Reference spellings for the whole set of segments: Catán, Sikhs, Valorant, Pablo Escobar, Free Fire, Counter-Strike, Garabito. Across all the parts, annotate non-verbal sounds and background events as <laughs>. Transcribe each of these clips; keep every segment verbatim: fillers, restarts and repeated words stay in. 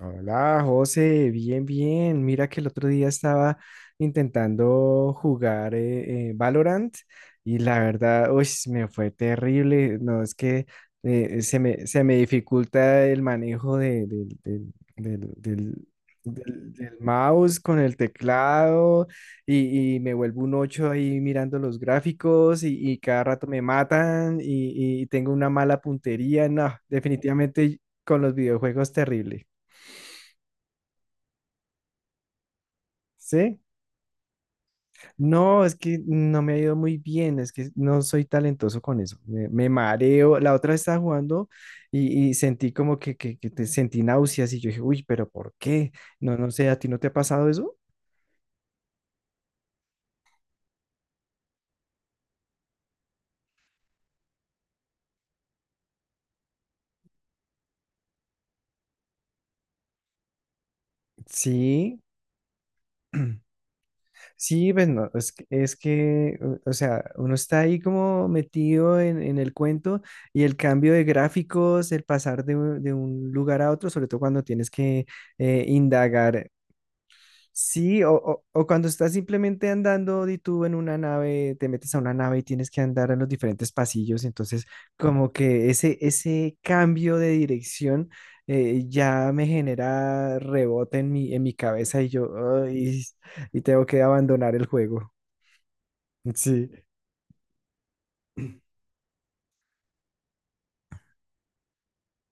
Hola, José, bien, bien. Mira que el otro día estaba intentando jugar eh, eh, Valorant y la verdad, uy, me fue terrible. No, es que eh, se me, se me dificulta el manejo de- del, del- del- del- del- del mouse con el teclado y, y me vuelvo un ocho ahí mirando los gráficos y, y cada rato me matan y, y tengo una mala puntería. No, definitivamente con los videojuegos terrible. ¿Sí? No, es que no me ha ido muy bien, es que no soy talentoso con eso, me, me mareo. La otra vez estaba jugando y, y sentí como que, que, que te sentí náuseas y yo dije, uy, pero ¿por qué? No, no sé, ¿a ti no te ha pasado eso? Sí, <clears throat> sí, pues no, es, que, es que, o o sea, uno está ahí como metido en, en el cuento y el cambio de gráficos, el pasar de, un de un lugar a otro, sobre todo cuando tienes que eh, indagar. Sí, o, o- o cuando estás simplemente andando y tú en una nave, te metes a una nave y tienes que andar en los diferentes pasillos, entonces como que ese, ese cambio de dirección eh, ya me genera rebote en mi, en mi cabeza y yo, "Ay", y tengo que abandonar el juego. Sí,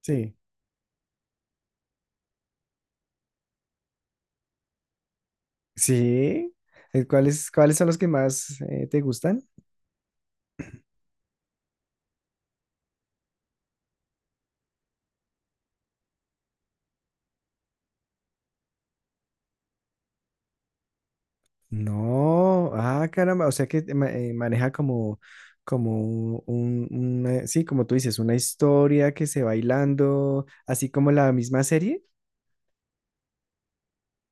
sí, sí. Eh, ¿Cuáles, cuáles son los que más eh, te gustan? No, ah, caramba, o sea que te ma- eh, maneja como, como un, un- una- sí, como tú dices, una historia que se va hilando, así como la misma serie.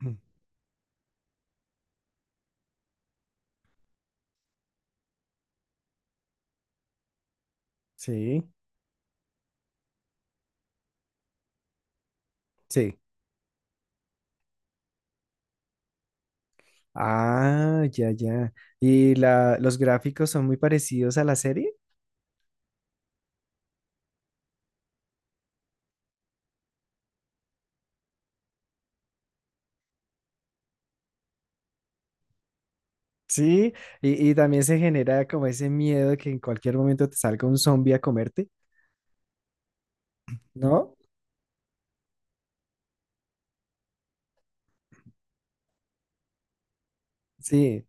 Mm. Sí, sí. Ah, ya, ya. ¿Y la, los gráficos son muy parecidos a la serie? Sí, y, y también se genera como ese miedo que en cualquier momento te salga un zombie a comerte, ¿no? Sí.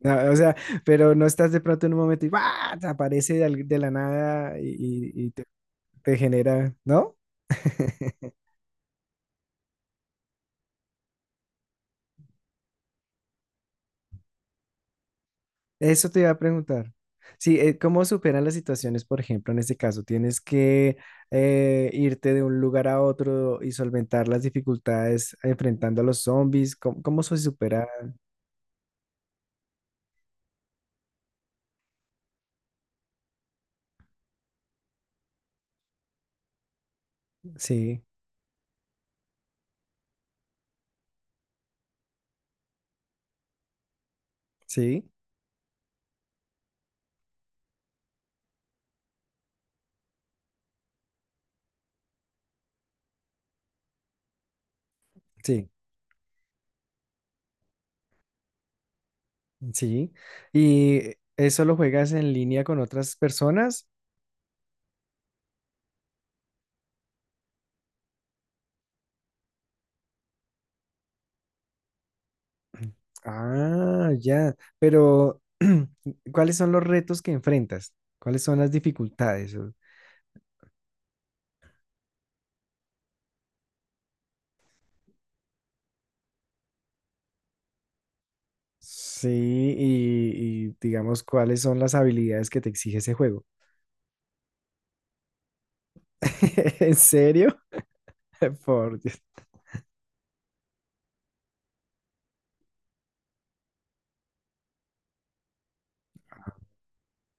No, o sea, pero no estás de pronto en un momento y ¡guau! Te aparece de, al- de la nada y, y- y te te genera, ¿no? <laughs> Eso te iba a preguntar. Sí, eh, ¿cómo superan las situaciones, por ejemplo, en este caso? ¿Tienes que eh, irte de un lugar a otro y solventar las dificultades enfrentando a los zombies? ¿Cómo, cómo se supera? Sí, sí, sí, sí. ¿Y eso lo juegas en línea con otras personas? <clears throat> Ah, ya. Pero, <clears throat> ¿cuáles son los retos que enfrentas? ¿Cuáles son las dificultades? Sí, y, y digamos, ¿cuáles son las habilidades que te exige ese juego? <laughs> ¿En serio? <laughs> Por Dios.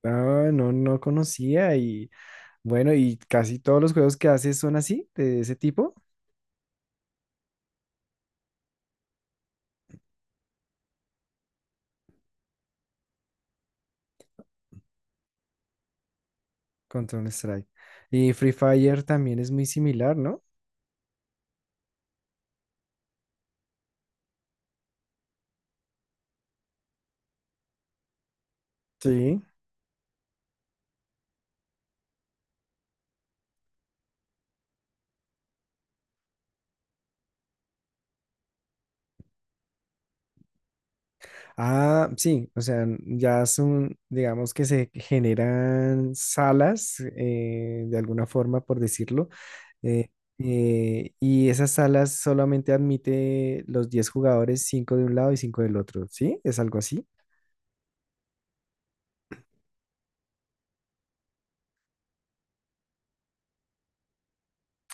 No, no, no conocía y bueno, y casi todos los juegos que haces son así, de ese tipo. Counter-Strike. Y Free Fire también es muy similar, ¿no? Sí. Ah, sí, o sea, ya son, digamos que se generan salas, eh, de alguna forma, por decirlo. Eh, eh, y esas salas solamente admite los diez jugadores, cinco de un lado y cinco del otro, ¿sí? ¿Es algo así?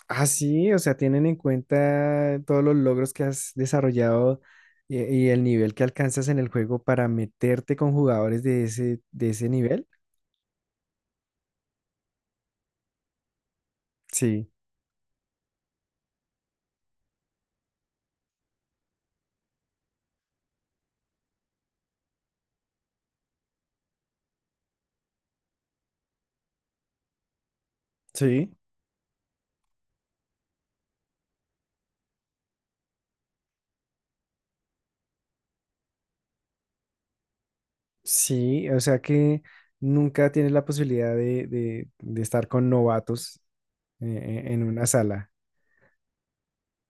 Ah, sí, o sea, tienen en cuenta todos los logros que has desarrollado y, y el nivel que alcanzas en el juego para meterte con jugadores de ese, de ese nivel. Sí, sí, sí, o sea que nunca tienes la posibilidad de, de- de estar con novatos eh, en una sala.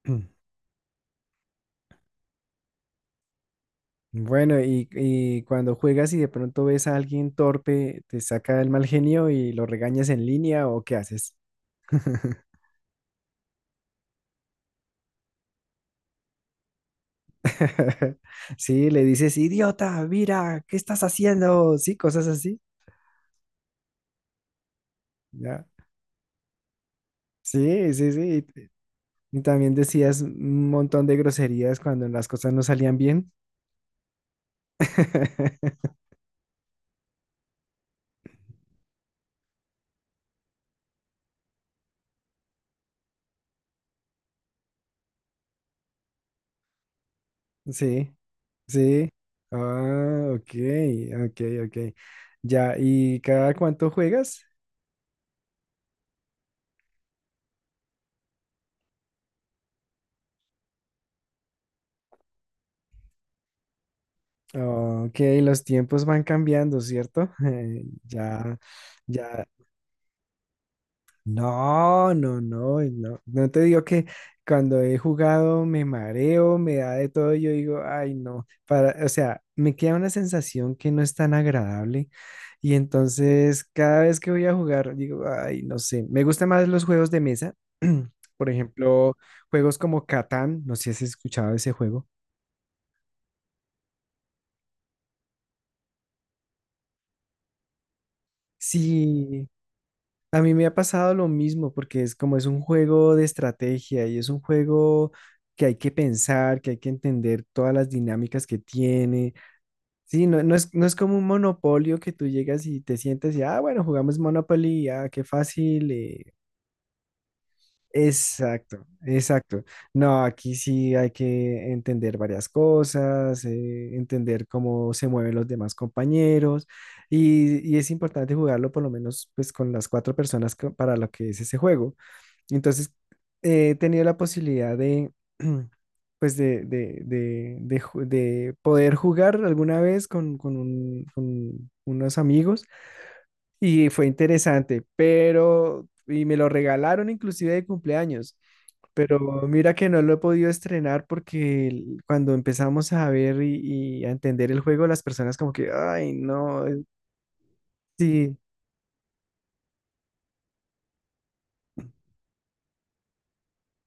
<clears throat> Bueno, y, y cuando juegas y de pronto ves a alguien torpe, ¿te saca el mal genio y lo regañas en línea o qué haces? <laughs> Sí, le dices, idiota, mira, ¿qué estás haciendo? Sí, cosas así. Ya. Sí, sí, sí. Y también decías un montón de groserías cuando las cosas no salían bien. <laughs> Sí, sí. Ah, ok, ok, ok. Ya, ¿y cada cuánto juegas? Ok, los tiempos van cambiando, ¿cierto? <laughs> Eh, ya, ya. No, no, no, no. No te digo que cuando he jugado me mareo, me da de todo, yo digo, ay, no. Para, o sea, me queda una sensación que no es tan agradable. Y entonces cada vez que voy a jugar, digo, ay, no sé. Me gustan más los juegos de mesa. <clears throat> Por ejemplo, juegos como Catán, no sé si has escuchado ese juego. Sí, a mí me ha pasado lo mismo, porque es como es un juego de estrategia y es un juego que hay que pensar, que hay que entender todas las dinámicas que tiene. Sí, no, no es, no es como un monopolio que tú llegas y te sientas y, ah, bueno, jugamos Monopoly, ah, qué fácil, eh. Exacto, exacto. No, aquí sí hay que entender varias cosas, eh, entender cómo se mueven los demás compañeros y, y es importante jugarlo por lo menos pues con las cuatro personas que- para lo que es ese juego. Entonces, eh, he tenido la posibilidad de, <clears throat> pues de, de, de, de ju- de poder jugar alguna vez con, con un- con unos amigos y fue interesante, pero, y me lo regalaron inclusive de cumpleaños, pero mira que no lo he podido estrenar porque el- cuando empezamos a ver y, y a entender el juego, las personas como que, ay, no, eh, sí.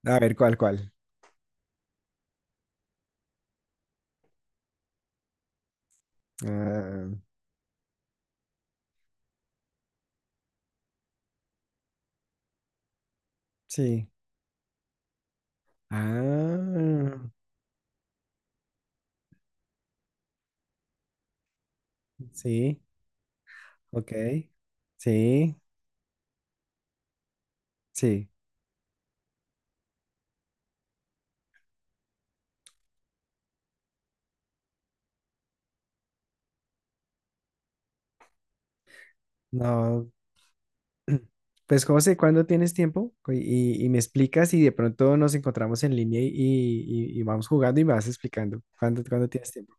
A ver, ¿cuál, cuál? Ah, sí. Ah, sí, ok. Sí, sí. No, pues José, ¿cuándo tienes tiempo? Co- Y, y me explicas y de pronto nos encontramos en línea y, y- y vamos jugando y me vas explicando. ¿Cuándo, cuándo tienes tiempo?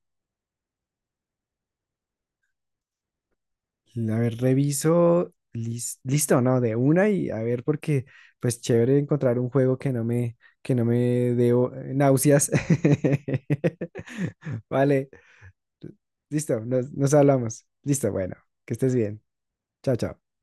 A ver, reviso. Lis- listo, ¿no? De una y a ver, porque pues chévere encontrar un juego que no me, que no me dé o- náuseas. <laughs> Vale, listo, nos, nos hablamos. Listo, bueno, que estés bien. Chao, chao.